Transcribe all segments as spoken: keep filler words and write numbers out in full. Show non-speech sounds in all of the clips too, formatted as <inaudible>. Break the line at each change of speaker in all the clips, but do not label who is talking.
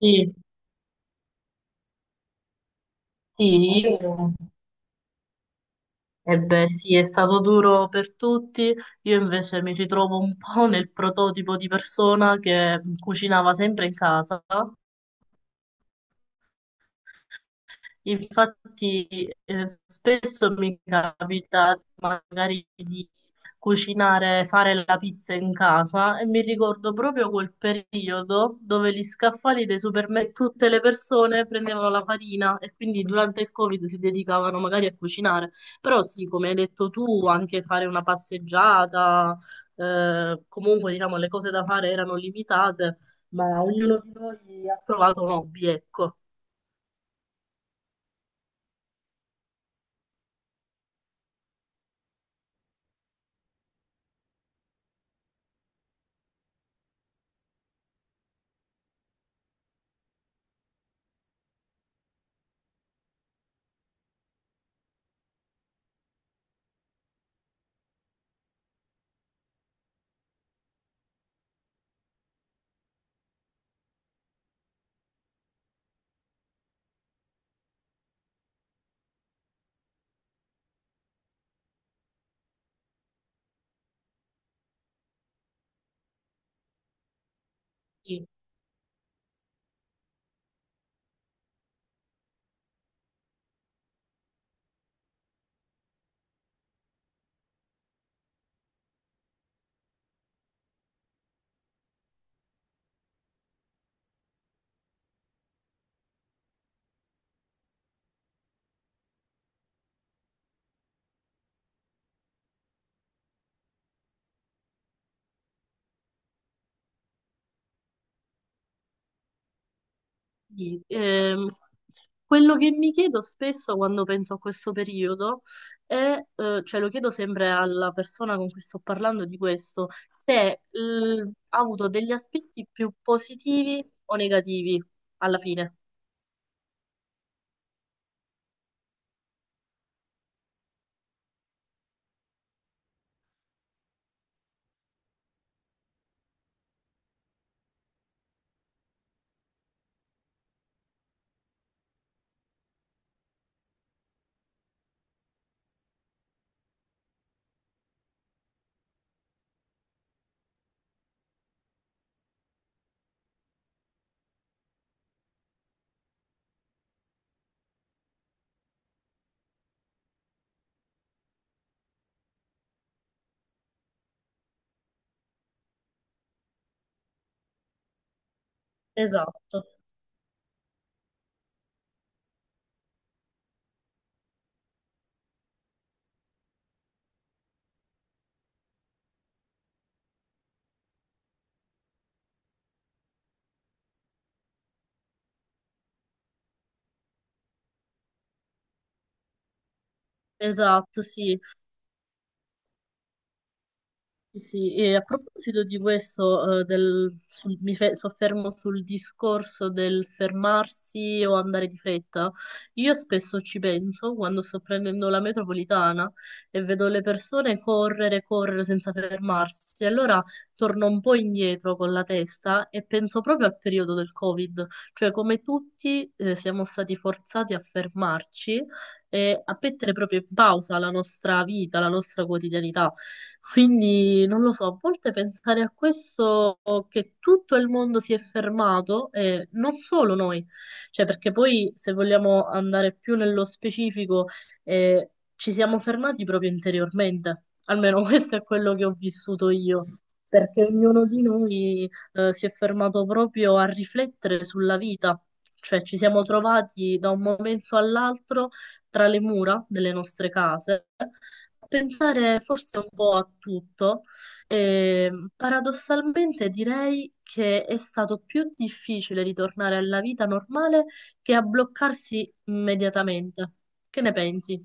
Sì, sì, io- eh beh, sì, è stato duro per tutti. Io invece mi ritrovo un po' nel prototipo di persona che cucinava sempre in casa. Infatti, eh, spesso mi capita magari di cucinare, fare la pizza in casa e mi ricordo proprio quel periodo dove gli scaffali dei supermercati, tutte le persone prendevano la farina e quindi durante il Covid si dedicavano magari a cucinare. Però sì, come hai detto tu, anche fare una passeggiata, eh, comunque diciamo le cose da fare erano limitate, ma ognuno di noi ha trovato un hobby, ecco. Sì. Sì, ehm, quello che mi chiedo spesso quando penso a questo periodo è, eh, cioè lo chiedo sempre alla persona con cui sto parlando di questo, se l- ha avuto degli aspetti più positivi o negativi alla fine. Esatto, esatto, sì. Sì, sì, e a proposito di questo, eh, del- sul- mi fe- soffermo sul discorso del fermarsi o andare di fretta. Io spesso ci penso quando sto prendendo la metropolitana e vedo le persone correre, correre senza fermarsi. Allora torno un po' indietro con la testa e penso proprio al periodo del Covid, cioè come tutti, eh, siamo stati forzati a fermarci e a mettere proprio in pausa la nostra vita, la nostra quotidianità. Quindi non lo so, a volte pensare a questo che tutto il mondo si è fermato e non solo noi, cioè perché poi se vogliamo andare più nello specifico eh, ci siamo fermati proprio interiormente, almeno <laughs> questo è quello che ho vissuto io. Perché ognuno di noi eh, si è fermato proprio a riflettere sulla vita, cioè ci siamo trovati da un momento all'altro tra le mura delle nostre case, a pensare forse un po' a tutto. E, paradossalmente direi che è stato più difficile ritornare alla vita normale che a bloccarsi immediatamente. Che ne pensi?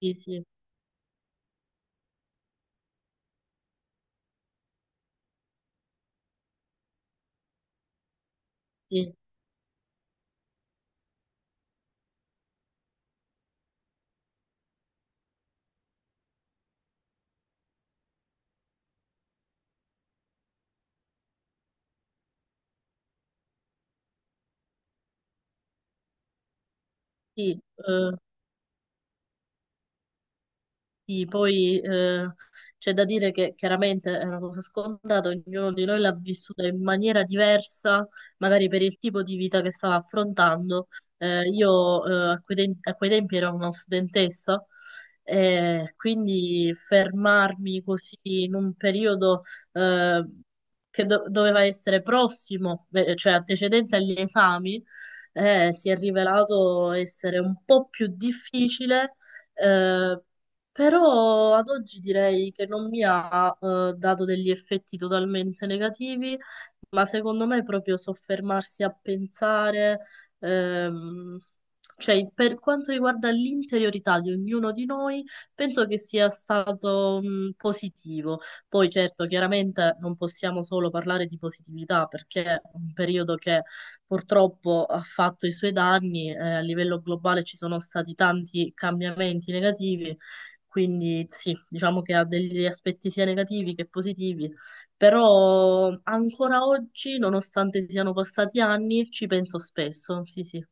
Sì, sì, sì, sì. sì, eh, Sì, poi eh, c'è da dire che chiaramente è una cosa scontata, ognuno di noi l'ha vissuta in maniera diversa, magari per il tipo di vita che stava affrontando. Eh, io eh, a quei, tem- a quei tempi ero una studentessa, e quindi fermarmi così in un periodo eh, che do- doveva essere prossimo, eh, cioè antecedente agli esami, eh, si è rivelato essere un po' più difficile, eh, però ad oggi direi che non mi ha eh, dato degli effetti totalmente negativi, ma secondo me proprio soffermarsi a pensare, ehm, cioè per quanto riguarda l'interiorità di ognuno di noi, penso che sia stato mh, positivo. Poi certo, chiaramente non possiamo solo parlare di positività perché è un periodo che purtroppo ha fatto i suoi danni, eh, a livello globale ci sono stati tanti cambiamenti negativi, quindi sì, diciamo che ha degli aspetti sia negativi che positivi, però ancora oggi, nonostante siano passati anni, ci penso spesso. Sì, sì.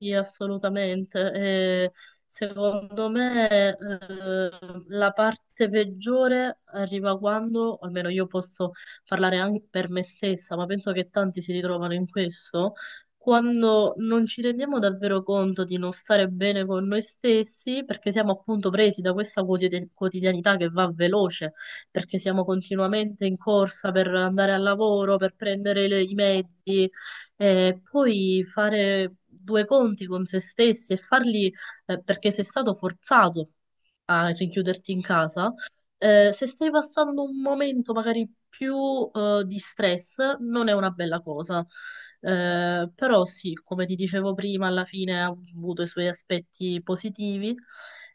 Sì, assolutamente. Eh, secondo me, eh, la parte peggiore arriva quando, o almeno io posso parlare anche per me stessa, ma penso che tanti si ritrovano in questo, quando non ci rendiamo davvero conto di non stare bene con noi stessi, perché siamo appunto presi da questa quotidi- quotidianità che va veloce, perché siamo continuamente in corsa per andare al lavoro, per prendere le- i mezzi e poi fare due conti con se stessi e farli, eh, perché sei stato forzato a richiuderti in casa, eh, se stai passando un momento magari più, eh, di stress, non è una bella cosa. Eh, però sì, come ti dicevo prima, alla fine ha avuto i suoi aspetti positivi.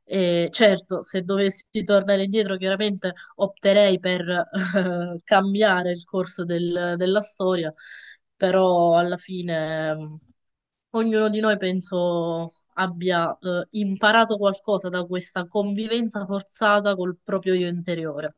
E certo, se dovessi tornare indietro, chiaramente opterei per <laughs> eh, cambiare il corso del- della storia, però alla fine mh, ognuno di noi penso abbia eh, imparato qualcosa da questa convivenza forzata col proprio io interiore.